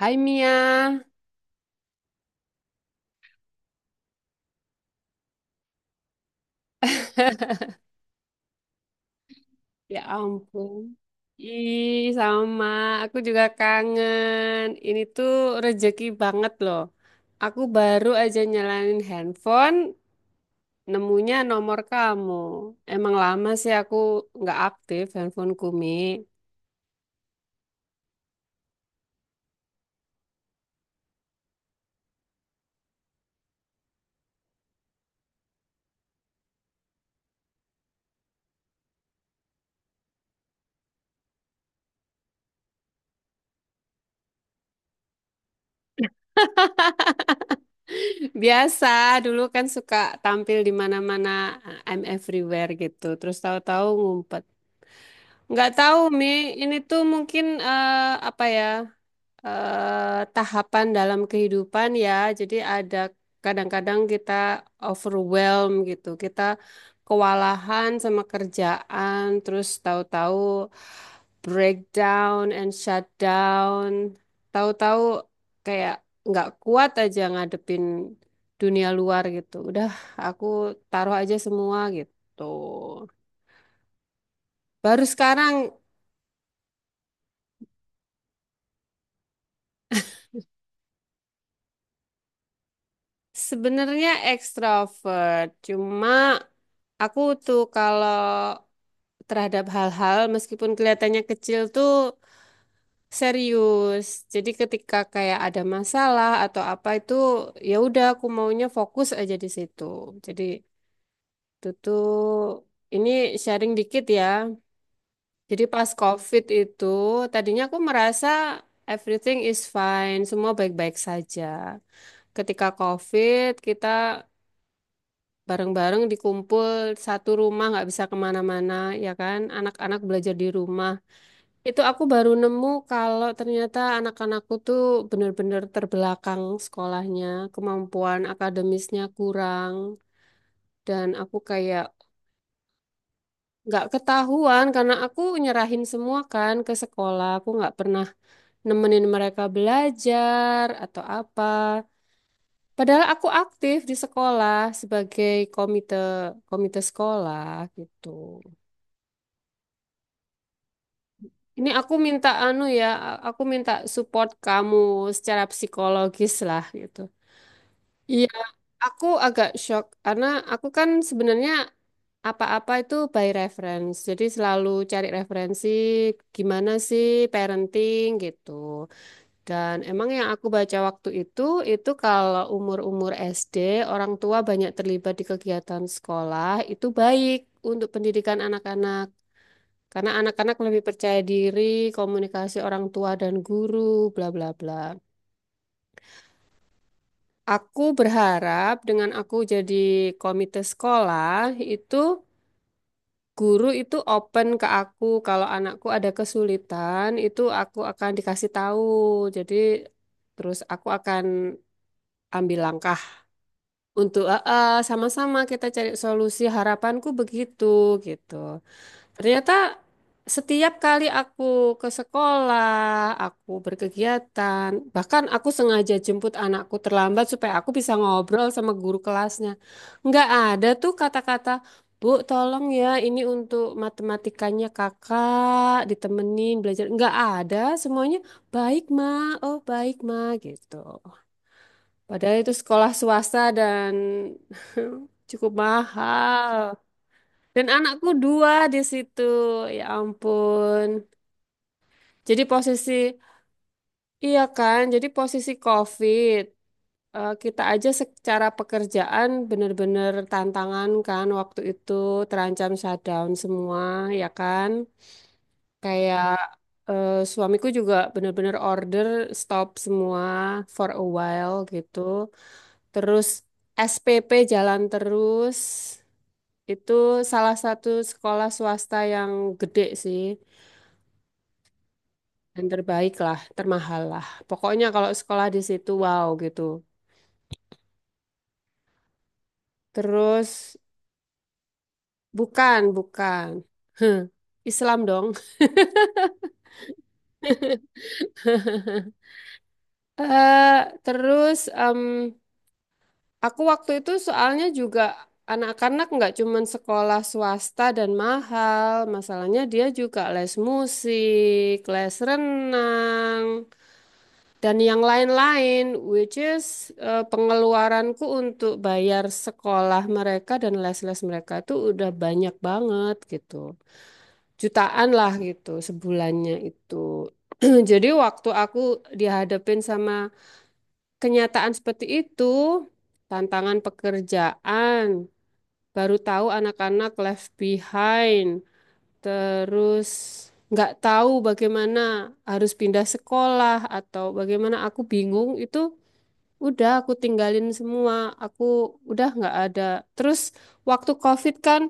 Hai Mia, ya ampun. Ih, sama. Aku juga kangen. Ini tuh rezeki banget loh. Aku baru aja nyalain handphone, nemunya nomor kamu. Emang lama sih aku nggak aktif handphoneku, Mi. Biasa, dulu kan suka tampil di mana-mana, I'm everywhere gitu. Terus tahu-tahu ngumpet. Nggak tahu, Mi. Ini tuh mungkin apa ya? Tahapan dalam kehidupan ya. Jadi ada kadang-kadang kita overwhelm gitu. Kita kewalahan sama kerjaan, terus tahu-tahu breakdown and shutdown. Tahu-tahu kayak nggak kuat aja ngadepin dunia luar gitu. Udah, aku taruh aja semua gitu. Baru sekarang. Sebenarnya ekstrovert, cuma aku tuh kalau terhadap hal-hal meskipun kelihatannya kecil tuh serius. Jadi ketika kayak ada masalah atau apa itu ya udah aku maunya fokus aja di situ. Jadi itu tuh ini sharing dikit ya. Jadi pas COVID itu tadinya aku merasa everything is fine, semua baik-baik saja. Ketika COVID kita bareng-bareng dikumpul satu rumah nggak bisa kemana-mana, ya kan anak-anak belajar di rumah itu aku baru nemu kalau ternyata anak-anakku tuh bener-bener terbelakang sekolahnya, kemampuan akademisnya kurang dan aku kayak nggak ketahuan karena aku nyerahin semua kan ke sekolah, aku nggak pernah nemenin mereka belajar atau apa. Padahal aku aktif di sekolah sebagai komite komite sekolah gitu. Ini aku minta anu ya, aku minta support kamu secara psikologis lah gitu. Iya, aku agak shock karena aku kan sebenarnya apa-apa itu by reference. Jadi selalu cari referensi gimana sih parenting gitu. Dan emang yang aku baca waktu itu kalau umur-umur SD, orang tua banyak terlibat di kegiatan sekolah, itu baik untuk pendidikan anak-anak. Karena anak-anak lebih percaya diri, komunikasi orang tua dan guru, bla bla bla. Aku berharap dengan aku jadi komite sekolah itu guru itu open ke aku kalau anakku ada kesulitan itu aku akan dikasih tahu. Jadi terus aku akan ambil langkah untuk "Ah, ah, sama-sama kita cari solusi. Harapanku begitu gitu. Ternyata setiap kali aku ke sekolah, aku berkegiatan, bahkan aku sengaja jemput anakku terlambat supaya aku bisa ngobrol sama guru kelasnya. Nggak ada tuh kata-kata, Bu, tolong ya, ini untuk matematikanya kakak, ditemenin belajar. Nggak ada, semuanya baik, Ma. Oh, baik, Ma, gitu. Padahal itu sekolah swasta dan cukup mahal. Dan anakku dua di situ. Ya ampun. Jadi posisi, iya kan? Jadi posisi COVID. Kita aja secara pekerjaan benar-benar tantangan kan waktu itu terancam shutdown semua, ya kan? Kayak suamiku juga benar-benar order stop semua for a while gitu. Terus SPP jalan terus. Itu salah satu sekolah swasta yang gede sih. Dan terbaik lah, termahal lah. Pokoknya kalau sekolah di situ wow gitu. Terus bukan, bukan. Islam dong. Eh terus aku waktu itu soalnya juga anak-anak nggak cuman sekolah swasta dan mahal. Masalahnya dia juga les musik, les renang. Dan yang lain-lain, which is pengeluaranku untuk bayar sekolah mereka dan les-les mereka itu udah banyak banget gitu. Jutaan lah gitu sebulannya itu. Jadi waktu aku dihadapin sama kenyataan seperti itu, tantangan pekerjaan, baru tahu anak-anak left behind, terus nggak tahu bagaimana harus pindah sekolah atau bagaimana aku bingung itu. Udah aku tinggalin semua. Aku udah nggak ada. Terus waktu COVID kan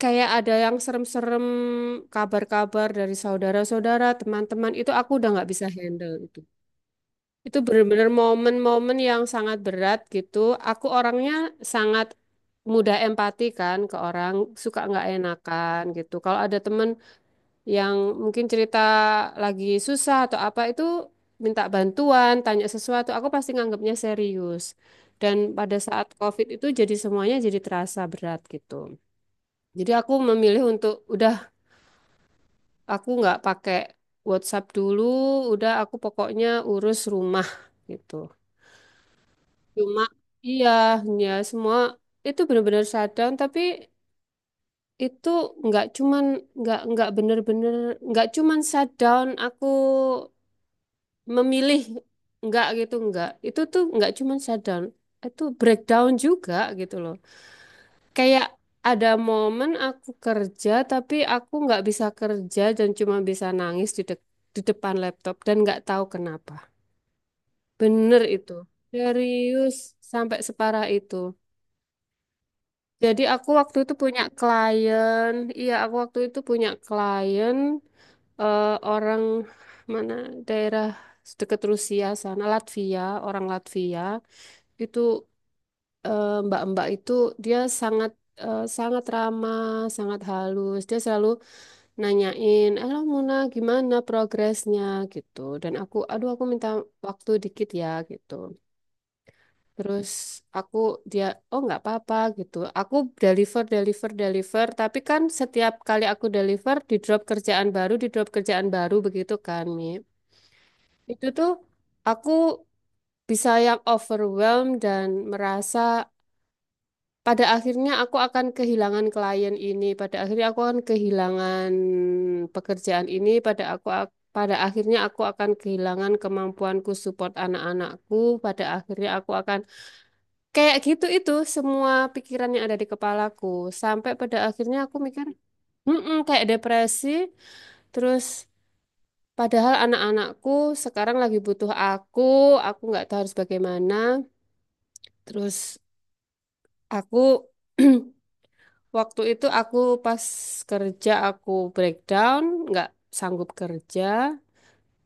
kayak ada yang serem-serem kabar-kabar dari saudara-saudara, teman-teman itu aku udah nggak bisa handle itu. Itu bener-bener momen-momen yang sangat berat gitu. Aku orangnya sangat mudah empati kan ke orang, suka nggak enakan gitu. Kalau ada teman yang mungkin cerita lagi susah atau apa itu minta bantuan, tanya sesuatu, aku pasti nganggapnya serius. Dan pada saat COVID itu jadi semuanya jadi terasa berat gitu. Jadi aku memilih untuk udah aku nggak pakai WhatsApp dulu, udah aku pokoknya urus rumah gitu. Cuma iya, ya semua itu benar-benar shutdown tapi itu nggak cuman nggak bener-bener nggak cuman shutdown aku memilih enggak gitu enggak itu tuh enggak cuman shutdown itu breakdown juga gitu loh kayak ada momen aku kerja tapi aku nggak bisa kerja dan cuma bisa nangis di depan laptop dan nggak tahu kenapa bener itu serius sampai separah itu jadi aku waktu itu punya klien iya aku waktu itu punya klien orang mana daerah deket Rusia sana Latvia orang Latvia itu Mbak-mbak itu dia sangat ramah, sangat halus. Dia selalu nanyain, "Halo Muna, gimana progresnya?" gitu. Dan aku, "Aduh, aku minta waktu dikit ya." gitu. Terus aku dia, "Oh, nggak apa-apa." gitu. Aku deliver, deliver, deliver, tapi kan setiap kali aku deliver di drop kerjaan baru, di drop kerjaan baru begitu kan, Mi. Itu tuh aku bisa yang overwhelmed dan merasa pada akhirnya aku akan kehilangan klien ini, pada akhirnya aku akan kehilangan pekerjaan ini, pada akhirnya aku akan kehilangan kemampuanku support anak-anakku, pada akhirnya aku akan kayak gitu itu semua pikiran yang ada di kepalaku sampai pada akhirnya aku mikir, "Mm-mm," kayak depresi, terus padahal anak-anakku sekarang lagi butuh aku nggak tahu harus bagaimana, terus aku Waktu itu aku pas kerja aku breakdown, nggak sanggup kerja,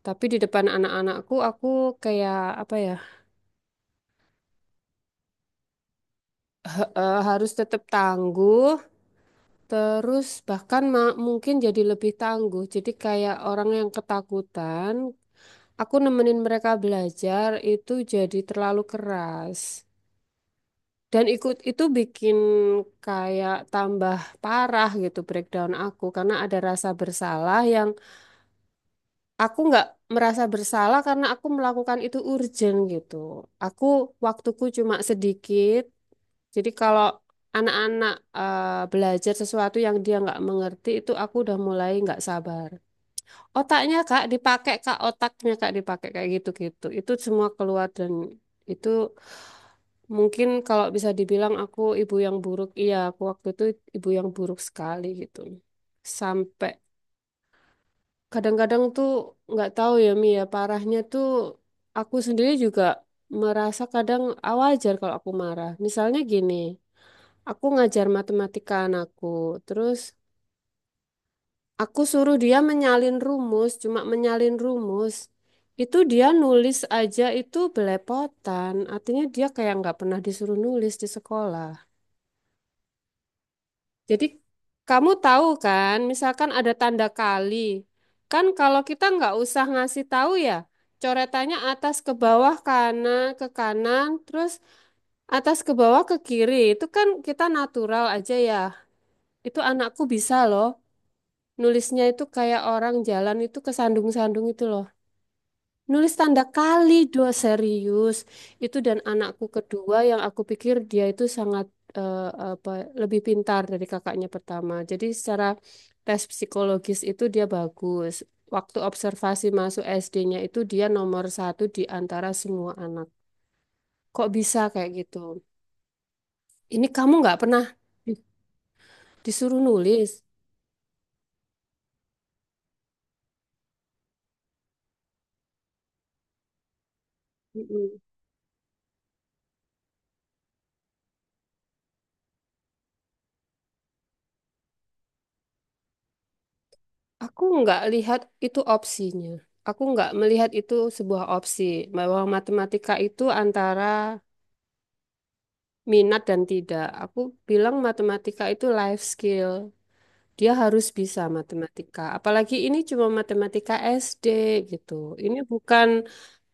tapi di depan anak-anakku aku kayak apa ya harus tetap tangguh, terus bahkan mungkin jadi lebih tangguh. Jadi kayak orang yang ketakutan, aku nemenin mereka belajar itu jadi terlalu keras. Dan ikut itu bikin kayak tambah parah gitu breakdown aku karena ada rasa bersalah yang aku nggak merasa bersalah karena aku melakukan itu urgent gitu. Aku waktuku cuma sedikit. Jadi kalau anak-anak eh, belajar sesuatu yang dia nggak mengerti itu aku udah mulai nggak sabar. Otaknya Kak dipakai Kak, otaknya Kak dipakai kayak gitu-gitu. Itu semua keluar dan itu mungkin kalau bisa dibilang aku ibu yang buruk. Iya, aku waktu itu ibu yang buruk sekali gitu. Sampai kadang-kadang tuh nggak tahu ya Mi ya parahnya tuh aku sendiri juga merasa kadang ah, wajar kalau aku marah. Misalnya gini, aku ngajar matematika anakku, terus aku suruh dia menyalin rumus, cuma menyalin rumus. Itu dia nulis aja itu belepotan, artinya dia kayak nggak pernah disuruh nulis di sekolah. Jadi kamu tahu kan, misalkan ada tanda kali. Kan kalau kita nggak usah ngasih tahu ya, coretannya atas ke bawah kanan ke kanan, terus atas ke bawah ke kiri. Itu kan kita natural aja ya. Itu anakku bisa loh. Nulisnya itu kayak orang jalan itu kesandung-sandung itu loh. Nulis tanda kali dua serius itu dan anakku kedua yang aku pikir dia itu sangat eh, apa lebih pintar dari kakaknya pertama. Jadi secara tes psikologis itu dia bagus. Waktu observasi masuk SD-nya itu dia nomor satu di antara semua anak. Kok bisa kayak gitu? Ini kamu nggak pernah di- disuruh nulis. Mm-mm. Aku nggak lihat itu opsinya. Aku nggak melihat itu sebuah opsi bahwa matematika itu antara minat dan tidak. Aku bilang matematika itu life skill. Dia harus bisa matematika. Apalagi ini cuma matematika SD gitu. Ini bukan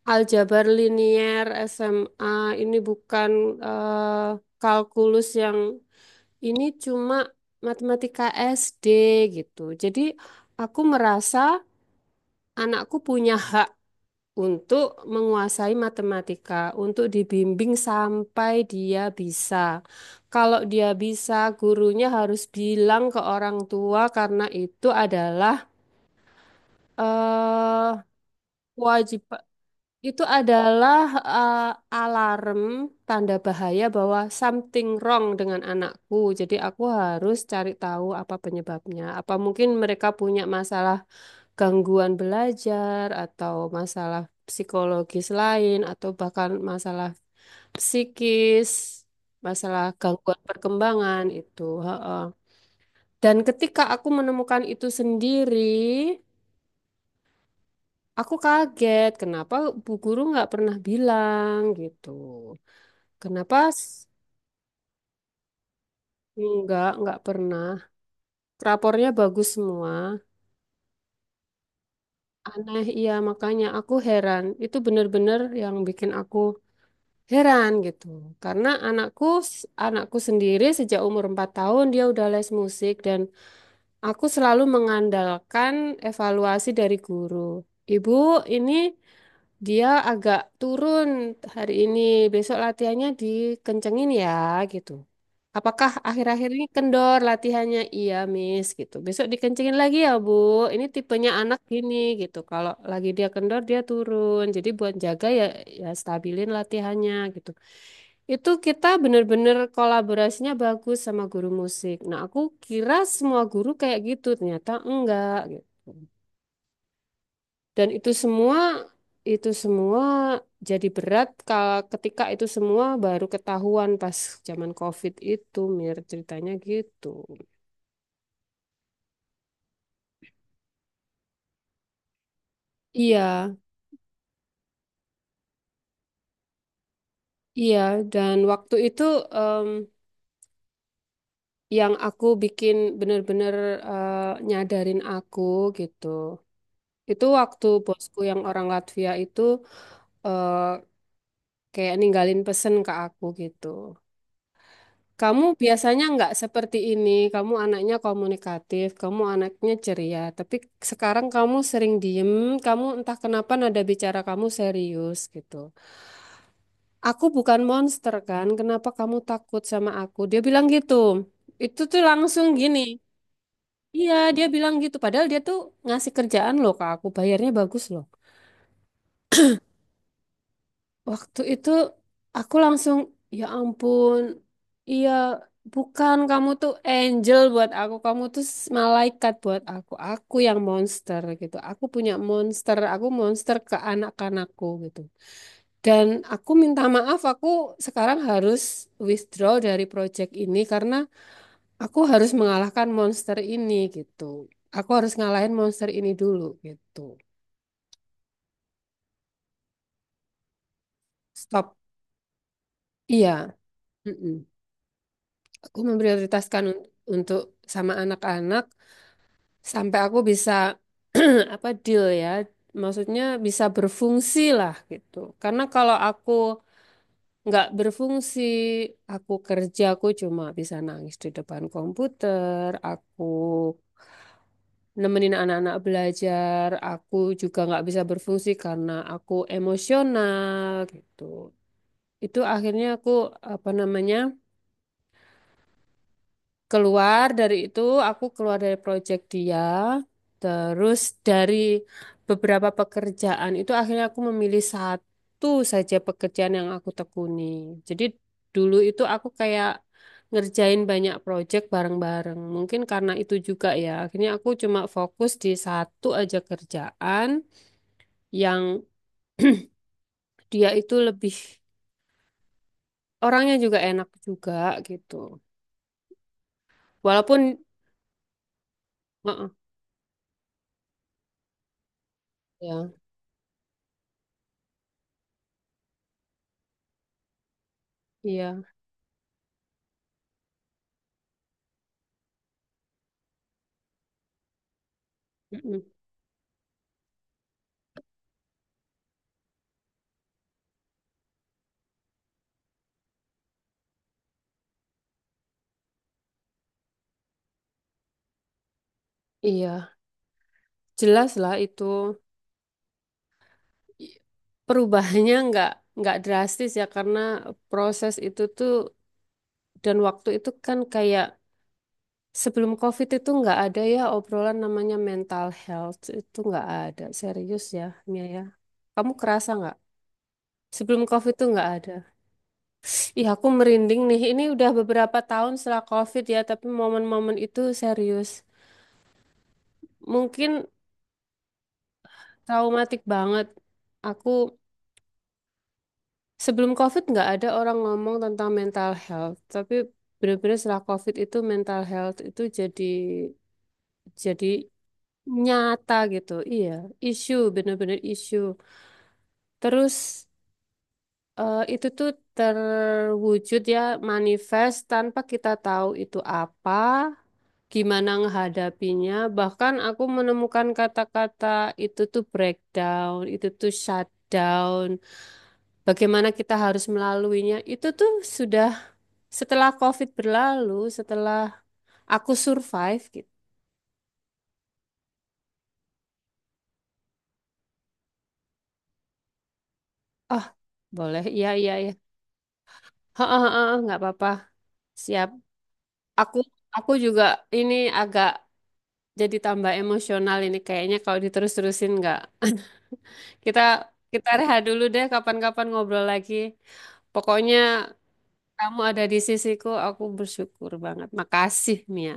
aljabar linear SMA, ini bukan eh, kalkulus yang ini cuma matematika SD gitu. Jadi aku merasa anakku punya hak untuk menguasai matematika, untuk dibimbing sampai dia bisa. Kalau dia bisa, gurunya harus bilang ke orang tua karena itu adalah eh kewajiban. Itu adalah eh, alarm tanda bahaya bahwa something wrong dengan anakku. Jadi aku harus cari tahu apa penyebabnya. Apa mungkin mereka punya masalah gangguan belajar atau masalah psikologis lain atau bahkan masalah psikis, masalah gangguan perkembangan itu. Heeh. Dan ketika aku menemukan itu sendiri, aku kaget kenapa Bu Guru nggak pernah bilang gitu. Kenapa nggak pernah. Rapornya bagus semua. Aneh, iya makanya aku heran. Itu bener-bener yang bikin aku heran gitu. Karena anakku anakku sendiri sejak umur 4 tahun dia udah les musik dan aku selalu mengandalkan evaluasi dari guru. Ibu, ini dia agak turun hari ini, besok latihannya dikencengin ya gitu. Apakah akhir-akhir ini kendor latihannya? Iya, Miss gitu. Besok dikencengin lagi ya, Bu. Ini tipenya anak gini gitu. Kalau lagi dia kendor dia turun. Jadi buat jaga ya ya stabilin latihannya gitu. Itu kita bener-bener kolaborasinya bagus sama guru musik. Nah, aku kira semua guru kayak gitu, ternyata enggak gitu. Dan itu semua, itu semua jadi berat kalau ketika itu semua baru ketahuan pas zaman COVID itu, Mir, ceritanya gitu. Iya, iya. Dan waktu itu em, yang aku bikin bener-bener nyadarin aku gitu. Itu waktu bosku yang orang Latvia itu eh, kayak ninggalin pesen ke aku gitu. Kamu biasanya nggak seperti ini. Kamu anaknya komunikatif, kamu anaknya ceria. Tapi sekarang kamu sering diem, kamu entah kenapa nada bicara kamu serius gitu. Aku bukan monster kan, kenapa kamu takut sama aku? Dia bilang gitu. Itu tuh langsung gini. Iya, dia bilang gitu. Padahal dia tuh ngasih kerjaan loh ke aku, bayarnya bagus loh. Waktu itu aku langsung, ya ampun, iya bukan kamu tuh angel buat aku, kamu tuh malaikat buat aku yang monster gitu. Aku punya monster, aku monster ke anak-anakku gitu. Dan aku minta maaf, aku sekarang harus withdraw dari project ini karena aku harus mengalahkan monster ini gitu. Aku harus ngalahin monster ini dulu gitu. Stop. Iya. Mm-mm. Aku memprioritaskan untuk sama anak-anak sampai aku bisa apa deal ya maksudnya bisa berfungsi lah gitu karena kalau aku nggak berfungsi aku kerja aku cuma bisa nangis di depan komputer aku nemenin anak-anak belajar aku juga nggak bisa berfungsi karena aku emosional gitu itu akhirnya aku apa namanya keluar dari itu aku keluar dari project dia terus dari beberapa pekerjaan itu akhirnya aku memilih satu saja pekerjaan yang aku tekuni jadi dulu itu aku kayak ngerjain banyak project bareng-bareng mungkin karena itu juga ya akhirnya aku cuma fokus di satu aja kerjaan yang dia itu lebih orangnya juga enak juga gitu walaupun heeh, ya iya. Mm-mm. Iya, jelas lah itu. I- Perubahannya nggak drastis ya karena proses itu tuh dan waktu itu kan kayak sebelum COVID itu nggak ada ya obrolan namanya mental health itu nggak ada serius ya Mia ya. Kamu kerasa nggak? Sebelum COVID itu nggak ada. Ih aku merinding nih. Ini udah beberapa tahun setelah COVID ya tapi momen-momen itu serius. Mungkin traumatik banget. Aku sebelum COVID nggak ada orang ngomong tentang mental health, tapi bener-bener setelah COVID itu mental health itu jadi jadi nyata gitu. Iya, isu bener-bener isu. Terus itu tuh terwujud ya manifest tanpa kita tahu itu apa, gimana menghadapinya. Bahkan aku menemukan kata-kata itu tuh breakdown, itu tuh shutdown, bagaimana kita harus melaluinya. Itu tuh sudah setelah COVID berlalu, setelah aku survive gitu. Oh, boleh. Iya, iya, iya. Heeh, heeh, nggak apa-apa. Siap. Aku aku juga ini agak jadi tambah emosional ini kayaknya kalau diterus-terusin nggak. Kita kita rehat dulu deh kapan-kapan ngobrol lagi. Pokoknya kamu ada di sisiku, aku bersyukur banget. Makasih, Mia.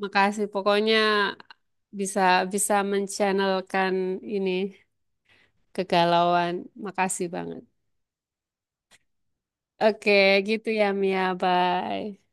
Makasih. Pokoknya bisa bisa menchannelkan ini kegalauan. Makasih banget. Oke, gitu ya Mia. Bye.